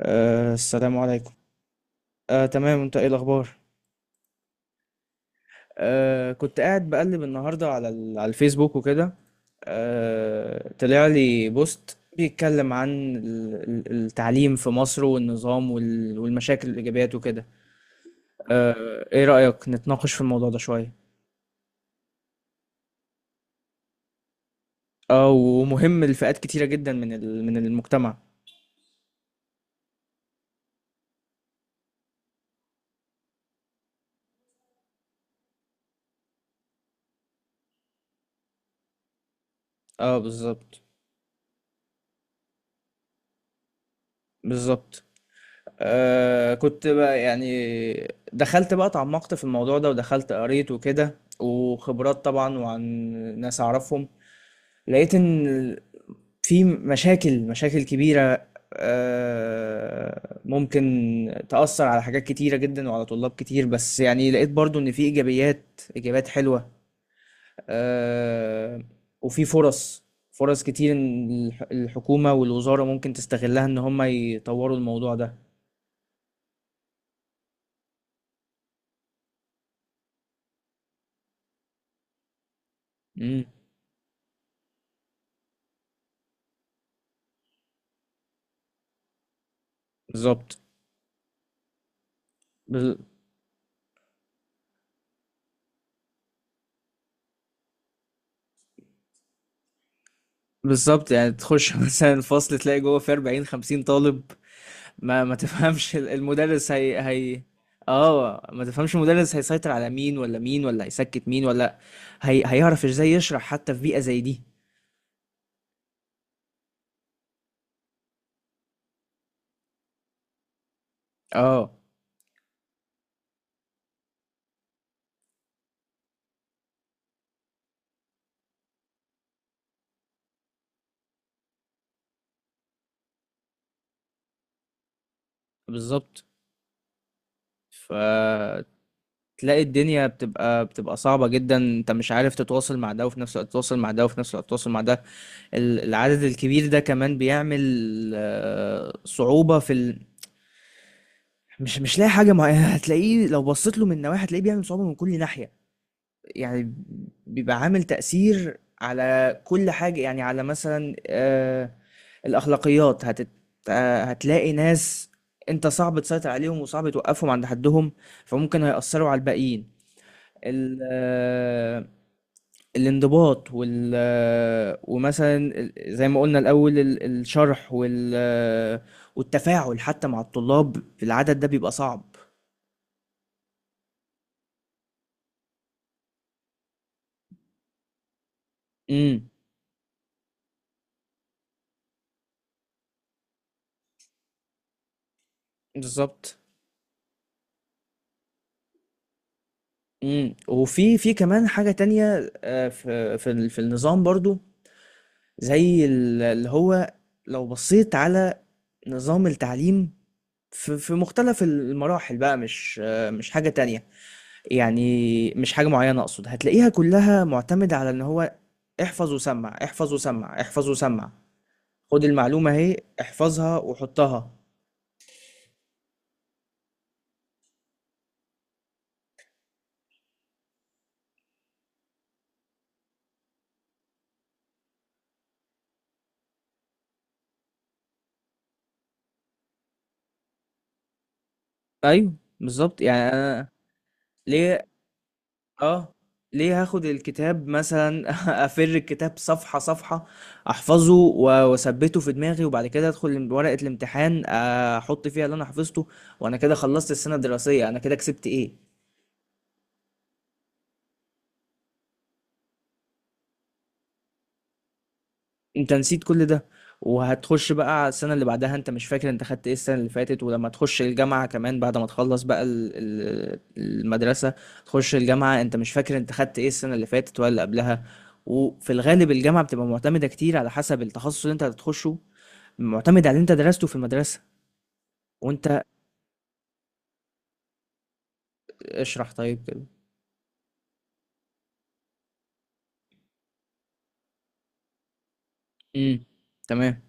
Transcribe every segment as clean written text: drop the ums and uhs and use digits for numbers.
السلام عليكم. تمام، انت ايه الاخبار؟ كنت قاعد بقلب النهارده على على الفيسبوك وكده. طلع لي بوست بيتكلم عن التعليم في مصر والنظام والمشاكل والايجابيات وكده. ايه رأيك نتناقش في الموضوع ده شوية؟ اه، ومهم لفئات كتيرة جدا من من المجتمع. اه، بالظبط، بالظبط. كنت بقى يعني دخلت بقى اتعمقت في الموضوع ده، ودخلت قريت وكده، وخبرات طبعا، وعن ناس اعرفهم. لقيت ان في مشاكل، مشاكل كبيرة. ممكن تأثر على حاجات كتيرة جدا وعلى طلاب كتير، بس يعني لقيت برضو ان في ايجابيات، ايجابيات حلوة. آه وفي فرص، فرص كتير إن الحكومة والوزارة ممكن تستغلها ان هم يطوروا الموضوع ده. مم. بالظبط. بال- بالظبط، يعني تخش مثلا الفصل تلاقي جوه في 40 50 طالب. ما تفهمش المدرس. هي هي اه، ما تفهمش المدرس هيسيطر على مين ولا مين، ولا هيسكت مين، ولا هيعرف ازاي يشرح حتى في بيئة زي دي. اه، بالظبط. فتلاقي الدنيا بتبقى صعبة جدا، انت مش عارف تتواصل مع ده وفي نفس الوقت تتواصل مع ده وفي نفس الوقت تتواصل مع ده. العدد الكبير ده كمان بيعمل صعوبة في مش لاقي حاجه، ما هتلاقيه لو بصيت له من نواحي، هتلاقيه بيعمل صعوبه من كل ناحيه. يعني بيبقى عامل تاثير على كل حاجه، يعني على مثلا، الاخلاقيات هتلاقي ناس انت صعب تسيطر عليهم وصعب توقفهم عند حدهم، فممكن هيأثروا على الباقيين. ال... آه الانضباط وال آه، ومثلا زي ما قلنا الاول الشرح وال آه، والتفاعل حتى مع الطلاب في العدد ده بيبقى صعب. امم. بالظبط. امم، وفي كمان حاجة تانية، في النظام برضو، زي اللي هو لو بصيت على نظام التعليم في مختلف المراحل بقى، مش مش حاجة تانية، يعني مش حاجة معينة أقصد، هتلاقيها كلها معتمدة على إن هو احفظ وسمع، احفظ وسمع، احفظ وسمع. خد المعلومة اهي، احفظها وحطها. أيوه، بالظبط، يعني أنا ليه؟ آه، ليه هاخد الكتاب مثلًا أفِر الكتاب صفحة، صفحة، أحفظه، وأثبّته في دماغي، وبعد كده أدخل ال ورقة الامتحان أحُط فيها اللي أنا حفظته، وأنا كده خلّصت السَنة الدراسية. أنا كده كسبت إيه؟ أنت نسيت كل ده، وهتخُش بقى على السَنة اللي بعدها أنت مش فاكر أنت خدت إيه السَنة اللي فاتت. ولمّا تخُش الجامعة كمان بعد ما تخلّص بقى ال ال المدرسة، تخُش الجامعة أنت مش فاكر أنت خدت إيه السَنة اللي فاتت ولا اللي قبلها. وفي الغالب الجامعة بتبقى مُعتمدة كتير على حسب التخصُّص اللي أنت هتخُشه، معتمد على اللي انت درسته في المدرسة. وانت اشرح طيب كده. امم. تمام.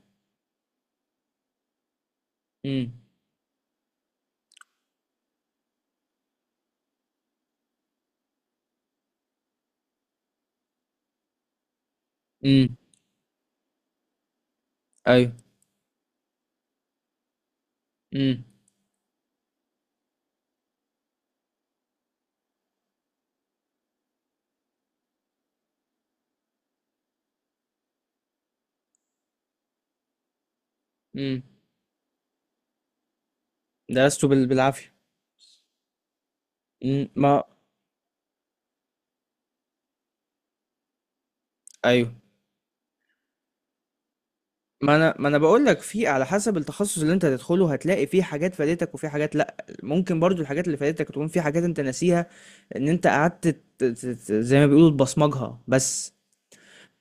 امم. امم. ايوه. امم. امم. درسته بالعافية. ما ايوه، ما انا بقول لك في على حسب التخصص اللي انت هتدخله، هتلاقي في حاجات فادتك وفي حاجات لا، ممكن برضو الحاجات اللي فادتك تكون في حاجات انت ناسيها، ان انت قعدت زي ما بيقولوا تبصمجها بس.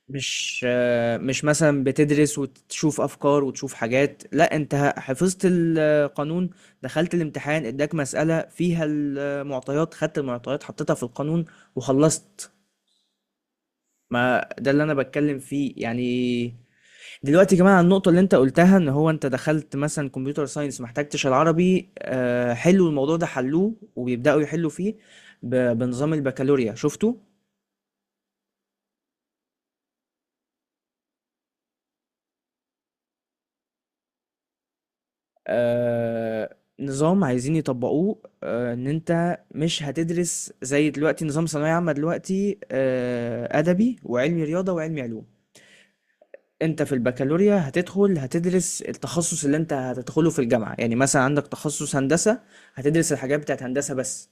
مش مش مثلا بتدرس وتشوف افكار وتشوف حاجات، لا انت حفظت القانون، دخلت الامتحان اداك مسألة فيها المعطيات، خدت المعطيات حطيتها في القانون وخلصت. ما ده اللي انا بتكلم فيه يعني. دلوقتي كمان على النقطة اللي انت قلتها، ان هو انت دخلت مثلا كمبيوتر ساينس محتاجتش العربي، حلوا الموضوع ده، حلوه وبيبدأوا يحلوا فيه بنظام البكالوريا، شفته؟ نظام عايزين يطبقوه، ان انت مش هتدرس زي دلوقتي نظام ثانوية عامة دلوقتي، ادبي وعلمي رياضة وعلمي علوم. انت في البكالوريا هتدخل هتدرس التخصص اللي انت هتدخله في الجامعة، يعني مثلا عندك تخصص هندسة، هتدرس الحاجات بتاعت هندسة بس.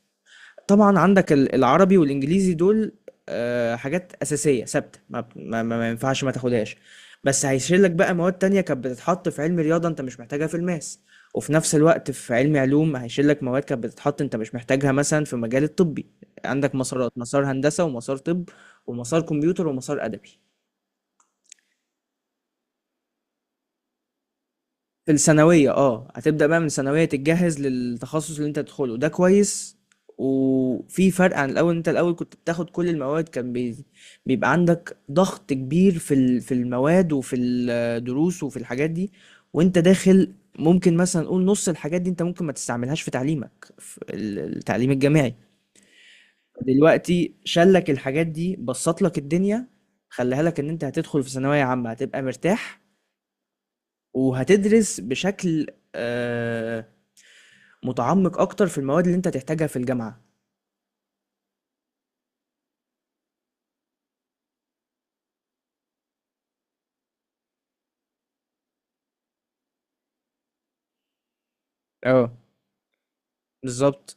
طبعا عندك العربي والانجليزي دول حاجات اساسيه ثابته، ما ينفعش ما تاخدهاش. بس هيشيل لك بقى مواد تانية كانت بتتحط في علم رياضه انت مش محتاجها في الماس، وفي نفس الوقت في علم علوم هيشيل لك مواد كانت بتتحط انت مش محتاجها مثلا في مجال الطبي. عندك مسارات، مسار هندسه ومسار طب ومسار كمبيوتر ومسار ادبي. في الثانوية اه، هتبدأ بقى من الثانوية تتجهز للتخصص اللي انت تدخله، ده كويس. وفي فرق عن الأول، انت الأول كنت بتاخد كل المواد، كان بيبقى عندك ضغط كبير في في المواد وفي الدروس وفي الحاجات دي وانت داخل. ممكن مثلا نقول نص الحاجات دي انت ممكن ما تستعملهاش في تعليمك في التعليم الجامعي. دلوقتي شالك الحاجات دي، بسط لك الدنيا، خليها لك ان انت هتدخل في ثانوية عامة هتبقى مرتاح، وهتدرس بشكل آه، متعمق اكتر في المواد اللي انت هتحتاجها في الجامعة. اه بالظبط.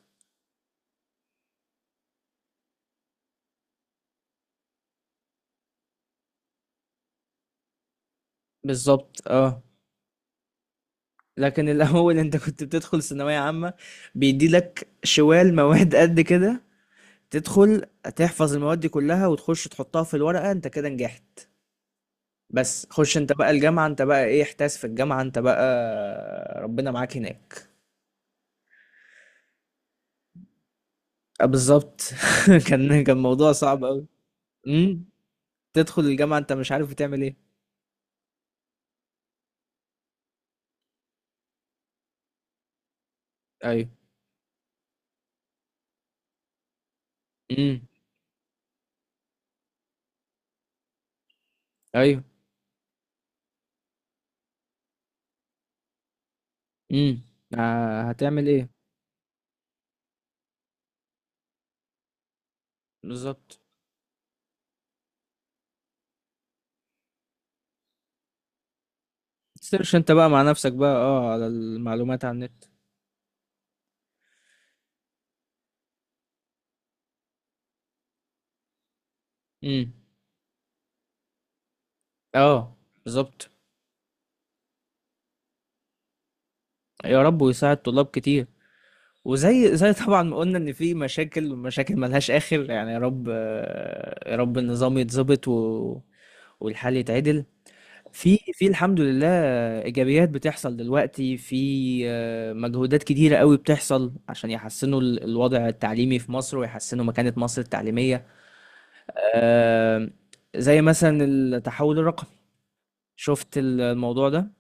بالظبط. اه، لكن الاول انت كنت بتدخل ثانوية عامة بيدي لك شوال مواد قد كده، تدخل تحفظ المواد دي كلها وتخش تحطها في الورقة انت كده نجحت. بس خش انت بقى الجامعة، انت بقى ايه، احتاس في الجامعة انت بقى ربنا معاك هناك. اه بالظبط. كان موضوع صعب قوي. امم. تدخل الجامعة انت مش عارف بتعمل ايه. ايوه. امم. ايوه. امم. هتعمل ايه؟ بالظبط. سيرش انت بقى مع نفسك بقى اه على المعلومات على النت. امم. اه، بالظبط. يا رب ويساعد طلاب كتير. وزي طبعا ما قلنا ان في مشاكل، ومشاكل ملهاش اخر يعني. يا رب، يا رب النظام يتظبط و والحل يتعدل. في الحمد لله ايجابيات بتحصل دلوقتي، في مجهودات كتيره قوي بتحصل عشان يحسنوا الوضع التعليمي في مصر ويحسنوا مكانه مصر التعليميه. آه، زي مثلا التحول الرقمي، شفت الموضوع ده؟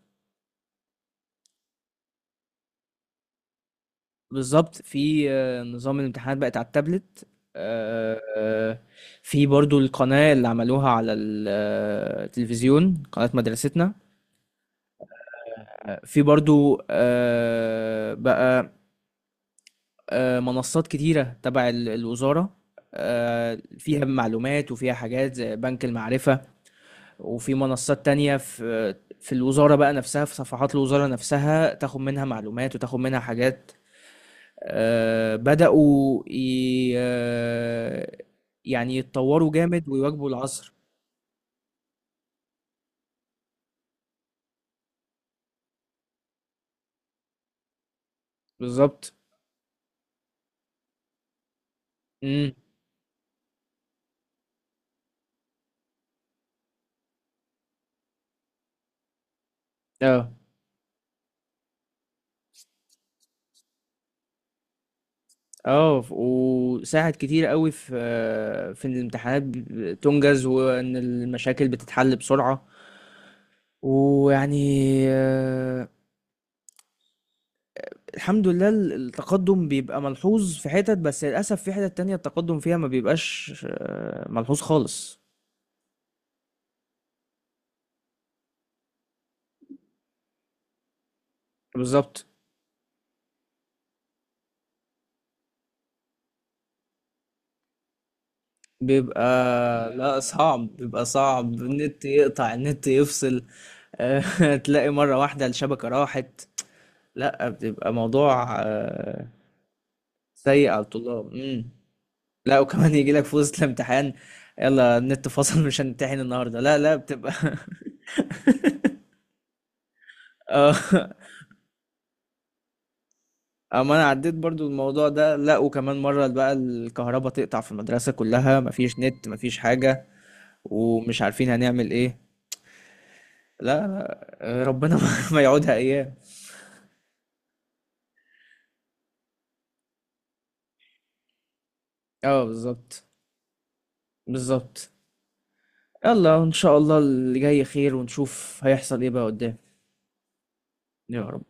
بالظبط، في نظام الامتحانات بقت على التابلت. آه، آه، في برضو القناة اللي عملوها على التلفزيون، قناة مدرستنا. في برضو بقى منصات كتيرة تبع الوزارة، فيها معلومات وفيها حاجات زي بنك المعرفة. وفي منصات تانية في الوزارة بقى نفسها، في صفحات الوزارة نفسها تاخد منها معلومات وتاخد منها حاجات. بدأوا ي... آه، يعني يتطوروا جامد ويواكبوا العصر. بالظبط. امم. اه. اه، وساعد كتير قوي في في إن الامتحانات تنجز، وان المشاكل بتتحل بسرعة. ويعني، آه، الحمد لله التقدم بيبقى ملحوظ في حتت، بس للأسف في حتت تانية التقدم فيها ما بيبقاش ملحوظ خالص. بالظبط. بيبقى، لا صعب، بيبقى صعب، النت يقطع، النت يفصل. تلاقي مرة واحدة الشبكة راحت. لا بتبقى موضوع سيء على الطلاب. مم. لا، وكمان يجي لك في وسط الامتحان، يلا النت فصل مش هنمتحن النهاردة، لا لا بتبقى اه، اما انا عديت برضو الموضوع ده، لا وكمان مرة بقى الكهرباء تقطع في المدرسة كلها، مفيش نت مفيش حاجة، ومش عارفين هنعمل ايه. لا لا، ربنا ما يعودها ايام. اه بالظبط. بالظبط. يلا ان شاء الله اللي جاي خير، ونشوف هيحصل ايه بقى قدام. يا رب.